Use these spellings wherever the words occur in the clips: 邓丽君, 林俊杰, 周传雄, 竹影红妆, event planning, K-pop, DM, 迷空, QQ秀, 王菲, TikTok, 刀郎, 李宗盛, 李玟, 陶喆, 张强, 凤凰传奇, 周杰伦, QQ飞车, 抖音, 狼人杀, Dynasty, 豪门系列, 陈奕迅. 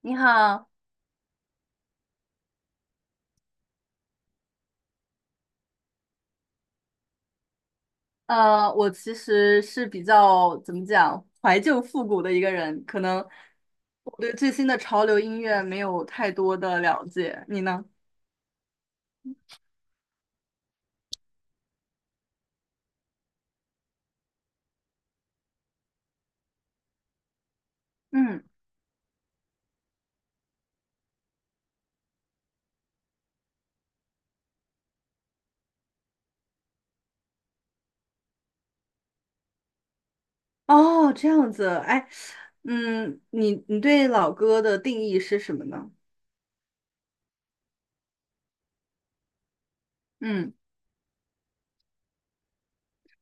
你好，我其实是比较怎么讲怀旧复古的一个人，可能我对最新的潮流音乐没有太多的了解。你呢？嗯，哦，这样子，哎，嗯，你对老歌的定义是什么呢？嗯。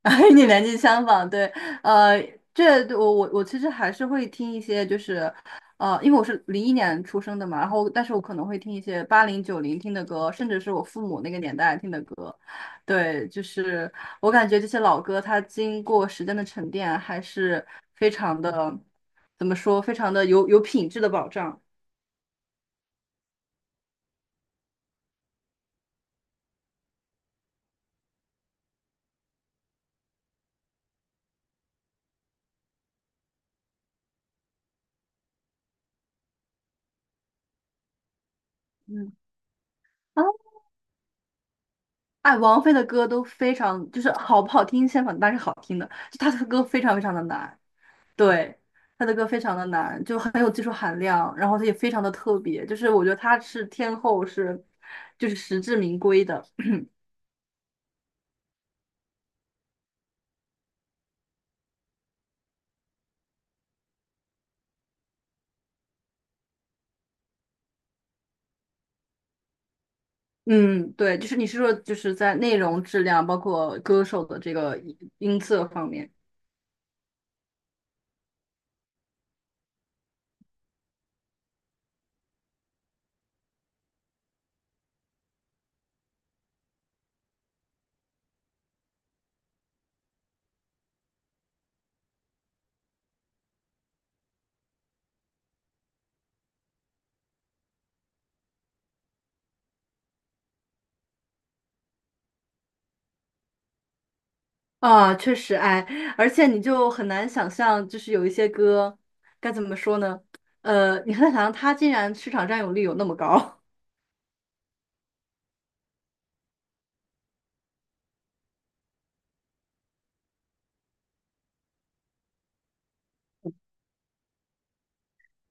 与你年纪相仿，对，呃，这我其实还是会听一些，就是，呃，因为我是零一年出生的嘛，然后但是我可能会听一些八零九零听的歌，甚至是我父母那个年代听的歌，对，就是我感觉这些老歌它经过时间的沉淀，还是非常的，怎么说，非常的有品质的保障。嗯。啊，哎，王菲的歌都非常，就是好不好听，相反，但是好听的，就她的歌非常非常的难。对，他的歌非常的难，就很有技术含量，然后他也非常的特别，就是我觉得他是天后是，就是实至名归的。嗯，对，就是你是说就是在内容质量，包括歌手的这个音色方面啊，确实，哎，而且你就很难想象，就是有一些歌该怎么说呢？呃，你很难想象他竟然市场占有率有那么高。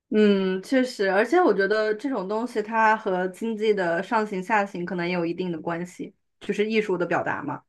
嗯，确实，而且我觉得这种东西它和经济的上行下行可能也有一定的关系，就是艺术的表达嘛。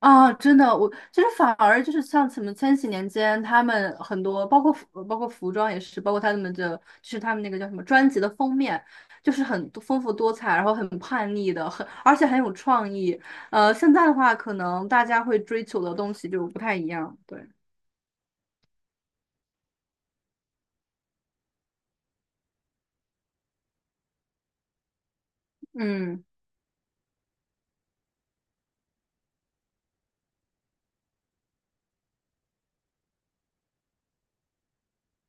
啊，真的，我其实反而就是像什么千禧年间，他们很多包括服装也是，包括他们的就是他们那个叫什么专辑的封面，就是很多丰富多彩，然后很叛逆的，而且很有创意。呃，现在的话，可能大家会追求的东西就不太一样，对，嗯。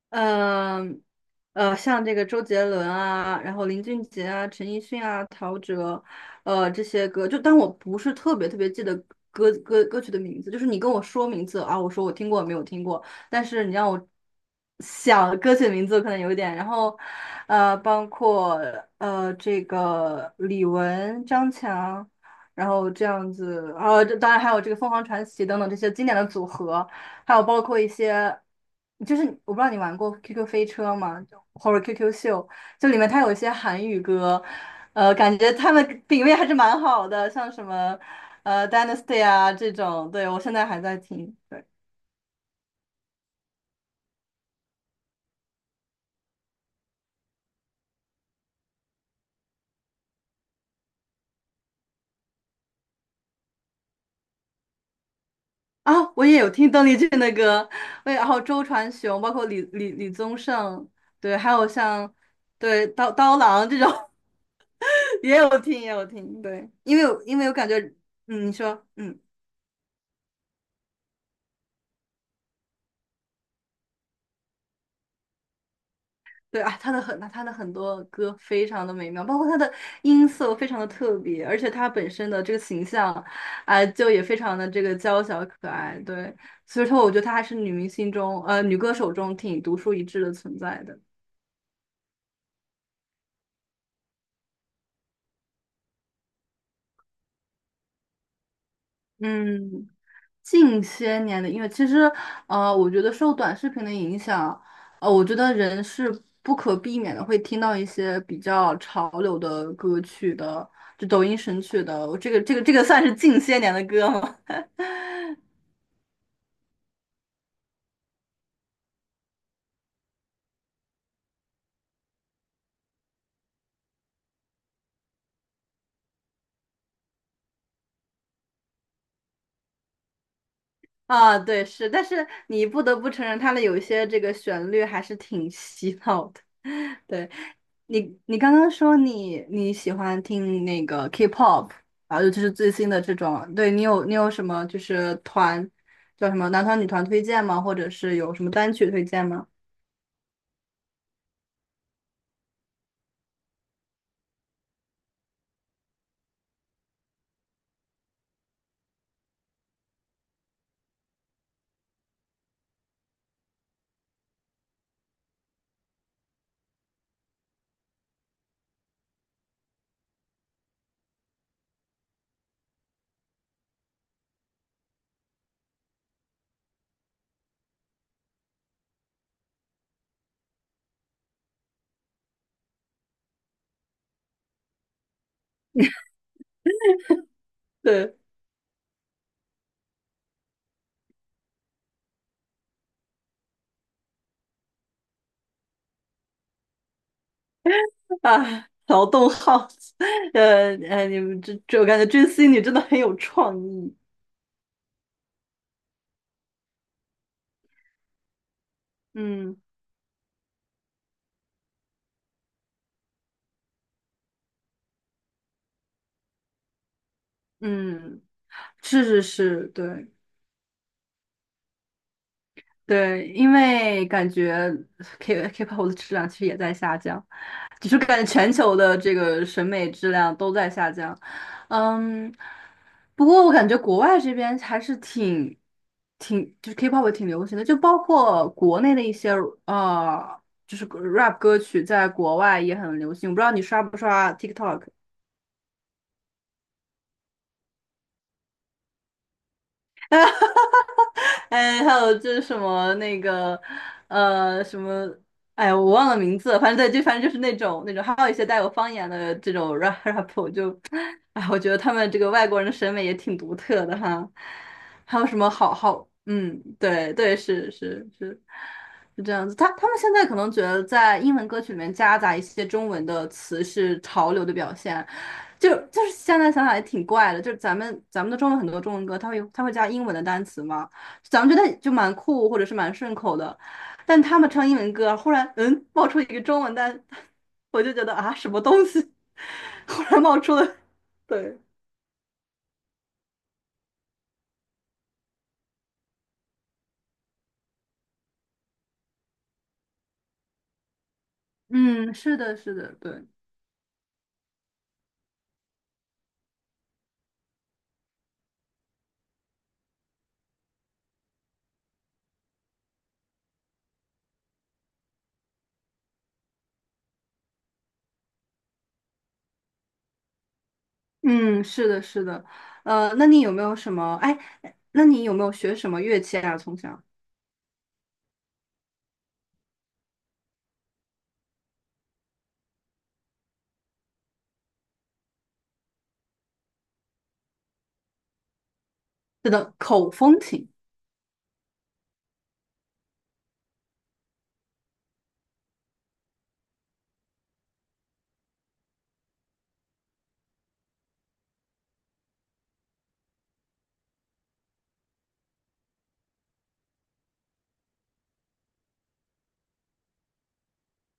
嗯，呃，像这个周杰伦啊，然后林俊杰啊、陈奕迅啊、陶喆，呃，这些歌，就当我不是特别记得歌曲的名字，就是你跟我说名字啊，我说我听过没有听过，但是你让我想歌曲的名字，可能有一点。然后，呃，包括呃这个李玟、张强，然后这样子，啊，这当然还有这个凤凰传奇等等这些经典的组合。还有包括一些，就是我不知道你玩过 QQ 飞车吗？就或者 QQ 秀，就里面它有一些韩语歌，呃，感觉他们品味还是蛮好的，像什么呃 Dynasty 啊这种，对我现在还在听。对啊，我也有听邓丽君的歌，我也然后周传雄，包括李宗盛，对，还有像对刀郎这种 也有听，对，因为我感觉，嗯，你说，嗯。对啊，他的很多歌非常的美妙，包括他的音色非常的特别，而且他本身的这个形象，啊、就也非常的这个娇小可爱。对，所以说我觉得她还是女明星中，呃，女歌手中挺独树一帜的存在的。嗯，近些年的音乐，其实，呃，我觉得受短视频的影响，呃，我觉得人是不可避免的会听到一些比较潮流的歌曲的，就抖音神曲的。这个算是近些年的歌吗？啊，对，是，但是你不得不承认，它的有一些这个旋律还是挺洗脑的。对，你刚刚说你喜欢听那个 K-pop，然后尤其是最新的这种，对你有什么就是团叫什么男团女团推荐吗？或者是有什么单曲推荐吗？对啊，劳动号，你们我感觉追星你真的很有创意。嗯嗯，是是是，对。对，因为感觉 K-pop 的质量其实也在下降，就是感觉全球的这个审美质量都在下降。嗯，不过我感觉国外这边还是挺就是 K-pop 也挺流行的，就包括国内的一些呃，就是 rap 歌曲在国外也很流行。我不知道你刷不刷 TikTok？哎，还有就是什么那个，呃，什么，哎，我忘了名字了反正对，就反正就是那种，还有一些带有方言的这种 rap，哎，我觉得他们这个外国人的审美也挺独特的哈。还有什么好好，嗯，对对，是是是，是这样子。他们现在可能觉得在英文歌曲里面夹杂一些中文的词是潮流的表现，就就是现在想想也挺怪的，就是咱们的中文很多中文歌，它会加英文的单词吗？咱们觉得就蛮酷或者是蛮顺口的，但他们唱英文歌，忽然嗯冒出一个中文单，我就觉得啊什么东西，忽然冒出了，对，嗯，是的，是的，对，嗯，是的，是的，呃，那你有没有什么？哎，那你有没有学什么乐器啊？从小，是的，口风琴。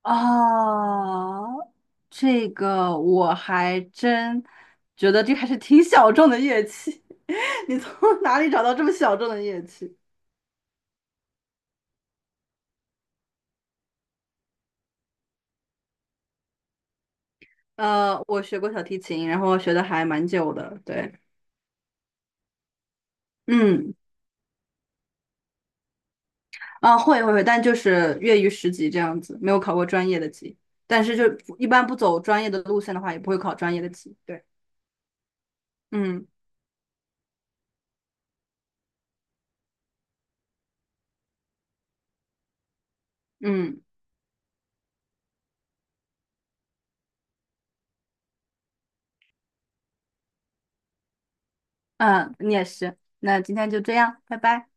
啊，这个我还真觉得这还是挺小众的乐器。你从哪里找到这么小众的乐器？呃，我学过小提琴，然后学的还蛮久的，对，嗯，啊，会会会，但就是业余十级这样子，没有考过专业的级，但是就一般不走专业的路线的话，也不会考专业的级，对，嗯嗯嗯，你也是，那今天就这样，拜拜。